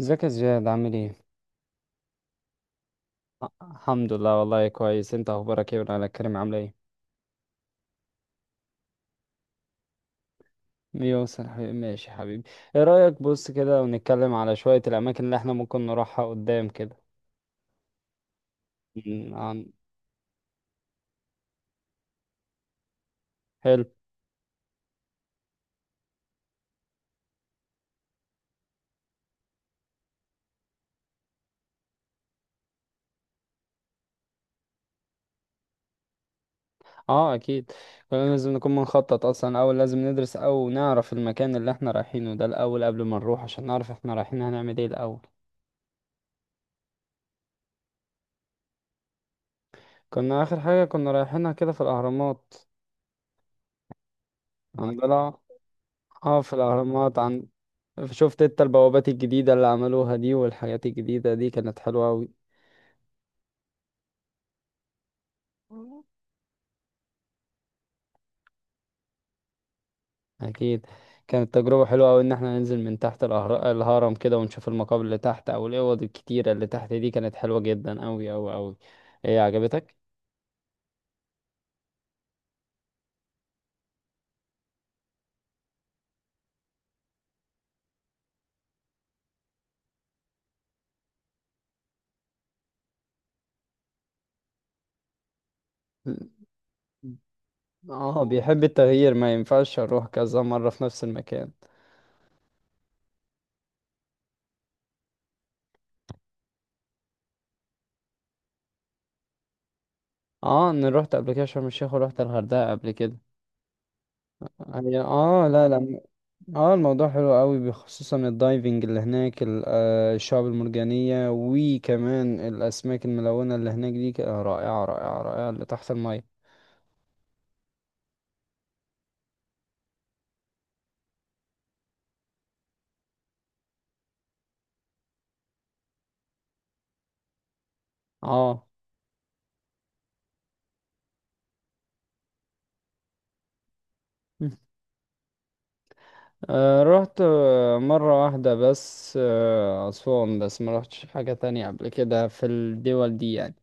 ازيك يا زياد عامل ايه؟ الحمد لله، والله كويس. انت اخبارك ايه وعلى كريم عامله ايه؟ يوصل يا حبيبي، ماشي يا حبيبي. ايه رأيك؟ بص كده ونتكلم على شوية الاماكن اللي احنا ممكن نروحها قدام كده. م، عن حلو. اه اكيد، كلنا لازم نكون بنخطط اصلا. اول لازم ندرس او نعرف المكان اللي احنا رايحينه ده الاول قبل ما نروح، عشان نعرف احنا رايحين هنعمل ايه الاول. كنا اخر حاجة كنا رايحينها كده في الاهرامات عندنا. اه في الاهرامات، شفت انت البوابات الجديدة اللي عملوها دي والحاجات الجديدة دي؟ كانت حلوة أوي. مم. أكيد. كانت تجربة حلوة أوي إن احنا ننزل من تحت الهرم كده ونشوف المقابر اللي تحت أو الأوض الكتيرة اللي تحت دي. كانت حلوة جدا أوي أوي أوي. إيه عجبتك؟ اه بيحب التغيير، ما ينفعش أروح كذا مرة في نفس المكان. اه أنا روحت قبل كده شرم الشيخ وروحت الغردقة قبل كده. يعني اه لا لا. اه الموضوع حلو قوي، خصوصا الدايفنج اللي هناك، الشعب المرجانية، وكمان الأسماك الملونة اللي هناك دي، رائعة رائعة رائعة، اللي تحت المية. اه. رحت مرة واحدة بس، أسوان، بس ما رحتش حاجة تانية قبل كده في الدول دي يعني.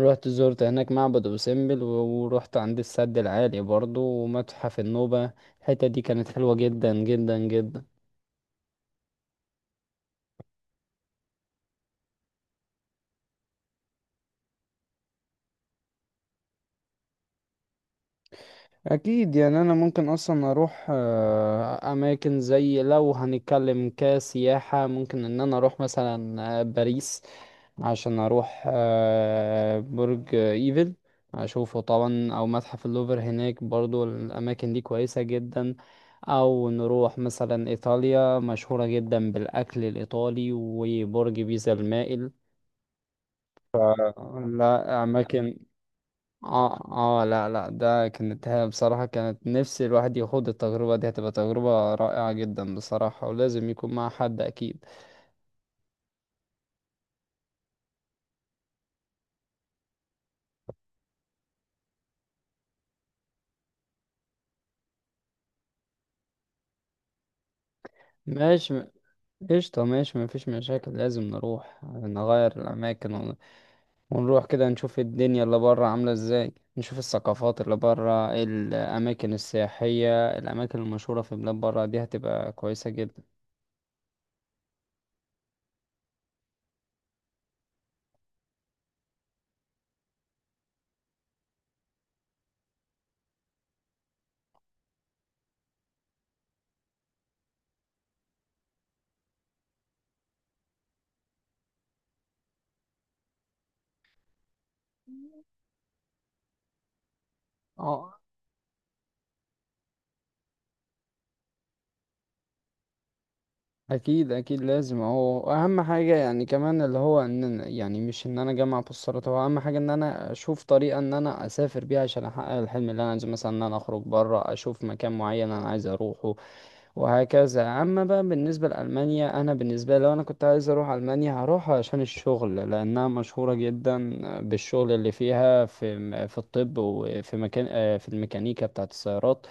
رحت زرت هناك معبد أبو سمبل ورحت عند السد العالي برضو ومتحف النوبة. الحتة دي كانت حلوة جدا جدا جدا. اكيد يعني انا ممكن اصلا اروح اماكن زي، لو هنتكلم كسياحة، ممكن ان انا اروح مثلا باريس، عشان اروح برج ايفل اشوفه طبعا، او متحف اللوفر هناك برضو. الاماكن دي كويسة جدا. او نروح مثلا ايطاليا، مشهورة جدا بالاكل الايطالي وبرج بيزا المائل. لا اماكن. اه. اه لا لا، ده كانت هي بصراحة، كانت نفسي الواحد يخوض التجربة دي. هتبقى تجربة رائعة جدا بصراحة، ولازم يكون مع حد أكيد. ماشي. قشطة، ماشي مفيش مشاكل. لازم نروح نغير الأماكن ونروح كده نشوف الدنيا اللي برا عاملة ازاي، نشوف الثقافات اللي برا، الأماكن السياحية، الأماكن المشهورة في بلاد برا. دي هتبقى كويسة جدا. اه اكيد اكيد، لازم هو اهم حاجه يعني. كمان اللي هو ان يعني مش ان انا اجمع بوسترات هو اهم حاجه، ان انا اشوف طريقه ان انا اسافر بيها عشان احقق الحلم اللي انا عايزه، مثلا ان انا اخرج بره، اشوف مكان معين انا عايز اروحه وهكذا. اما بقى بالنسبه لالمانيا، انا بالنسبه لي لو انا كنت عايز اروح المانيا هروح عشان الشغل، لانها مشهوره جدا بالشغل اللي فيها، في الطب، وفي مكان في الميكانيكا بتاعه السيارات،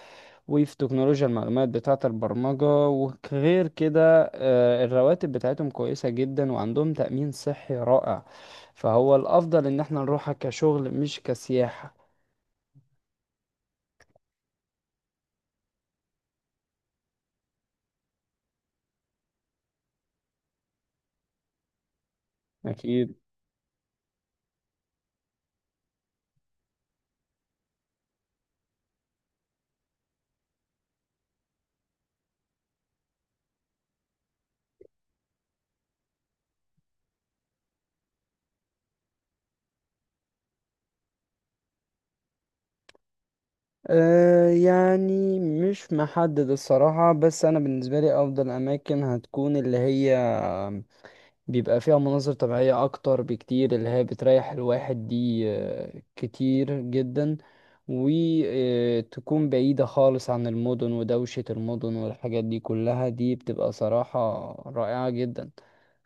وفي تكنولوجيا المعلومات بتاعة البرمجة وغير كده. الرواتب بتاعتهم كويسة جدا، وعندهم تأمين صحي رائع. فهو الأفضل إن احنا نروحها كشغل مش كسياحة. أكيد. أه يعني مش محدد الصراحة، بس أنا بالنسبة لي أفضل أماكن هتكون اللي هي بيبقى فيها مناظر طبيعية أكتر بكتير، اللي هي بتريح الواحد دي كتير جدا، وتكون بعيدة خالص عن المدن ودوشة المدن والحاجات دي كلها. دي بتبقى صراحة رائعة جدا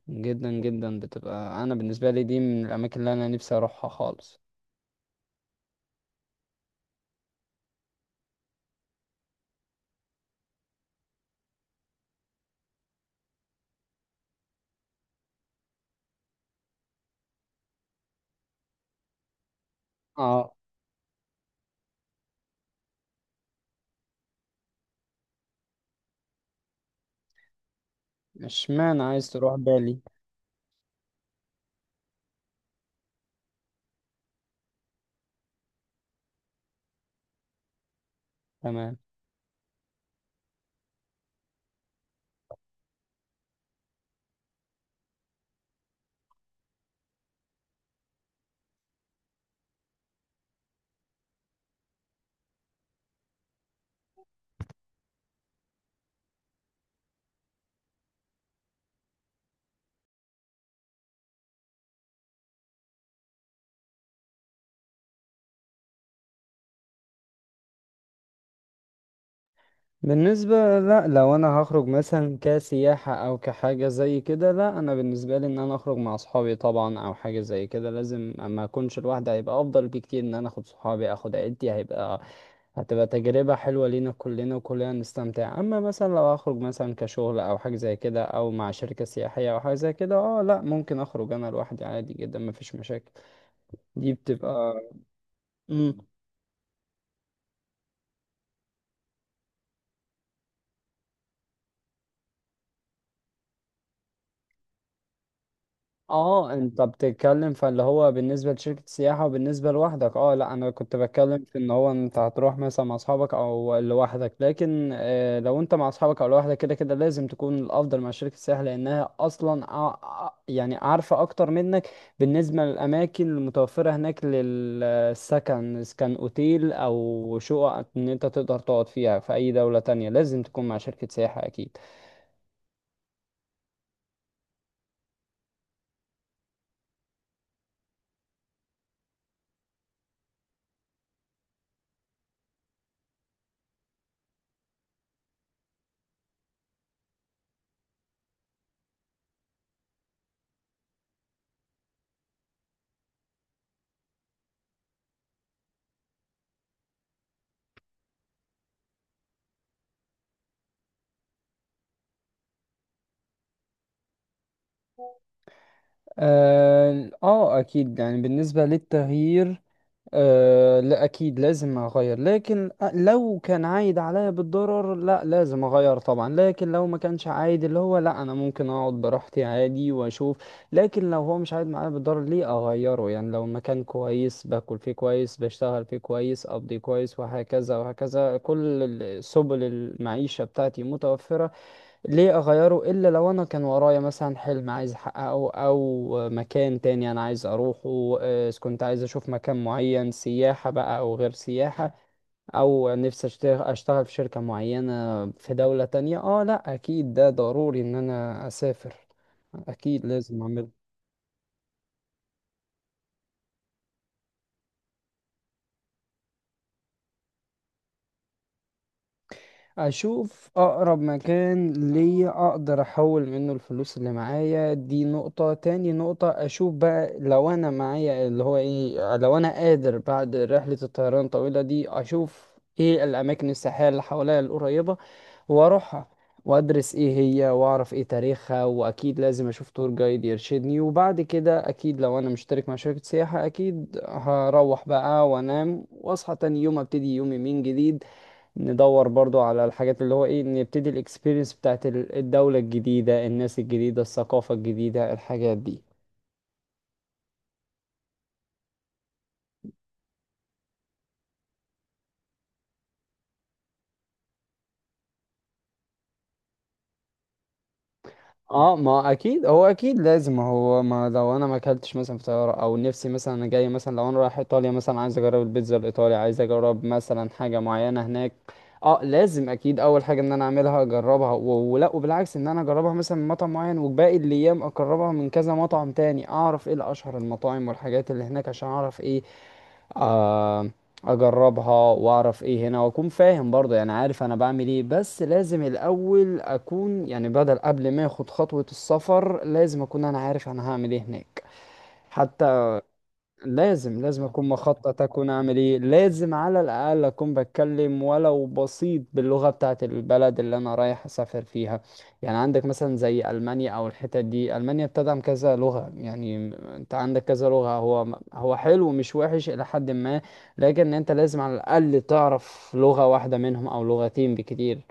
جدا جدا. بتبقى انا بالنسبه لي دي من الاماكن اللي انا نفسي اروحها خالص. اه. اشمعنى عايز تروح بالي؟ تمام. بالنسبة لا لو انا هخرج مثلا كسياحة او كحاجة زي كده، لا انا بالنسبة لي ان انا اخرج مع صحابي طبعا او حاجة زي كده. لازم، اما اكونش لوحدي. هيبقى افضل بكتير ان انا اخد صحابي، اخد عيلتي. هيبقى هتبقى تجربة حلوة لينا كلنا وكلنا نستمتع. اما مثلا لو اخرج مثلا كشغل او حاجة زي كده، او مع شركة سياحية او حاجة زي كده، اه لا ممكن اخرج انا لوحدي عادي جدا مفيش مشاكل. دي بتبقى. مم. اه انت بتتكلم فاللي هو بالنسبة لشركة السياحة وبالنسبة لوحدك. اه لا، انا كنت بتكلم في ان هو انت هتروح مثلا مع اصحابك او لوحدك. لكن آه، لو انت مع اصحابك او لوحدك كده كده لازم تكون الافضل مع شركة السياحة، لانها اصلا يعني عارفة اكتر منك بالنسبة للاماكن المتوفرة هناك للسكن، اذا كان اوتيل او شقق ان انت تقدر تقعد فيها في اي دولة تانية. لازم تكون مع شركة سياحة اكيد. اه اكيد يعني بالنسبة للتغيير. أه لا أكيد لازم أغير، لكن لو كان عايد عليا بالضرر لا لازم أغير طبعا. لكن لو ما كانش عايد اللي هو لا، أنا ممكن أقعد براحتي عادي وأشوف. لكن لو هو مش عايد معايا بالضرر ليه أغيره؟ يعني لو المكان كويس، باكل فيه كويس، بشتغل فيه كويس، أقضي كويس وهكذا وهكذا، كل سبل المعيشة بتاعتي متوفرة، ليه اغيره؟ الا لو انا كان ورايا مثلا حلم عايز احققه، او مكان تاني انا عايز اروحه. إذا كنت عايز اشوف مكان معين، سياحة بقى او غير سياحة، او نفسي اشتغل اشتغل في شركة معينة في دولة تانية، اه لا اكيد ده ضروري ان انا اسافر. اكيد لازم اعمله. اشوف اقرب مكان ليا اقدر احول منه الفلوس اللي معايا، دي نقطة. تاني نقطة اشوف بقى لو انا معايا اللي هو ايه، لو انا قادر بعد رحلة الطيران الطويلة دي اشوف ايه الاماكن السياحية اللي حواليا القريبة واروحها، وادرس ايه هي واعرف ايه تاريخها. واكيد لازم اشوف تور جايد يرشدني، وبعد كده اكيد لو انا مشترك مع شركة سياحة اكيد هروح بقى وانام واصحى تاني يوم، ابتدي يومي من جديد. ندور برضو على الحاجات اللي هو ايه، نبتدي الاكسبيرينس بتاعت الدولة الجديدة، الناس الجديدة، الثقافة الجديدة، الحاجات دي. اه ما اكيد هو اكيد لازم هو، ما لو انا ما اكلتش مثلا في طياره، او نفسي مثلا انا جاي مثلا لو انا رايح ايطاليا مثلا عايز اجرب البيتزا الايطالي، عايز اجرب مثلا حاجه معينه هناك. اه لازم اكيد اول حاجه ان انا اعملها اجربها ولا، وبالعكس، ان انا اجربها مثلا من مطعم معين، وباقي الايام اجربها من كذا مطعم تاني، اعرف ايه الاشهر المطاعم والحاجات اللي هناك عشان اعرف ايه. آه، اجربها واعرف ايه هنا واكون فاهم برضه. يعني عارف انا بعمل ايه، بس لازم الاول اكون، يعني بدل قبل ما اخد خطوة السفر لازم اكون انا عارف انا هعمل ايه هناك حتى. لازم لازم اكون مخطط اكون اعمل ايه، لازم على الاقل اكون بتكلم ولو بسيط باللغه بتاعه البلد اللي انا رايح اسافر فيها. يعني عندك مثلا زي المانيا او الحتت دي، المانيا بتدعم كذا لغه يعني، انت عندك كذا لغه، هو هو حلو مش وحش الى حد ما. لكن انت لازم على الاقل تعرف لغه واحده منهم او لغتين بكتير.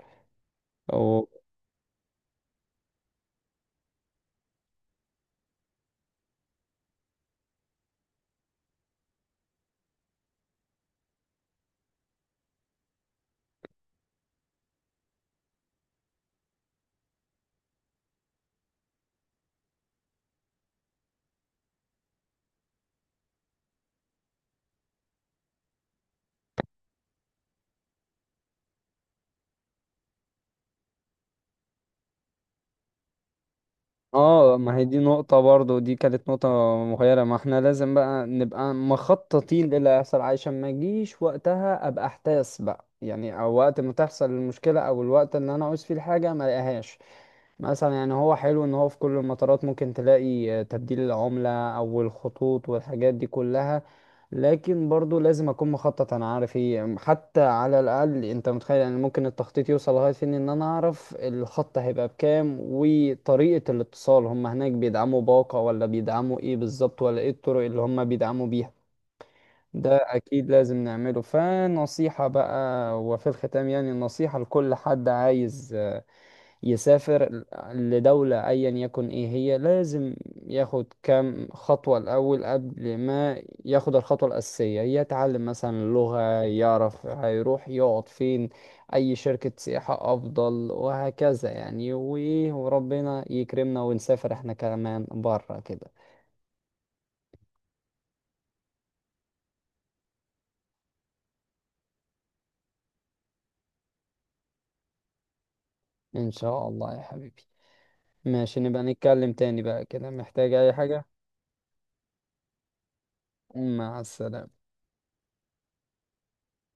اه ما هي دي نقطة برضو، دي كانت نقطة مغيرة. ما احنا لازم بقى نبقى مخططين للي هيحصل عشان ما يجيش وقتها ابقى احتاس بقى يعني، او وقت ما تحصل المشكلة او الوقت اللي انا عاوز فيه الحاجة ما الاقيهاش. مثلا يعني هو حلو ان هو في كل المطارات ممكن تلاقي تبديل العملة او الخطوط والحاجات دي كلها. لكن برضو لازم اكون مخطط انا عارف ايه حتى. على الاقل انت متخيل يعني ممكن التخطيط يوصل لغاية فين؟ ان انا اعرف الخط هيبقى بكام وطريقة الاتصال، هم هناك بيدعموا باقة ولا بيدعموا ايه بالظبط ولا ايه الطرق اللي هم بيدعموا بيها. ده اكيد لازم نعمله. فنصيحة بقى وفي الختام يعني، نصيحة لكل حد عايز يسافر لدولة أيا يكن إيه هي، لازم ياخد كام خطوة الأول قبل ما ياخد الخطوة الأساسية. يتعلم مثلا اللغة، يعرف هيروح يقعد فين، أي شركة سياحة أفضل، وهكذا يعني. وإيه، وربنا يكرمنا ونسافر إحنا كمان برا كده. إن شاء الله يا حبيبي. ماشي، نبقى نتكلم تاني بقى كده، محتاج أي حاجة. مع السلامة.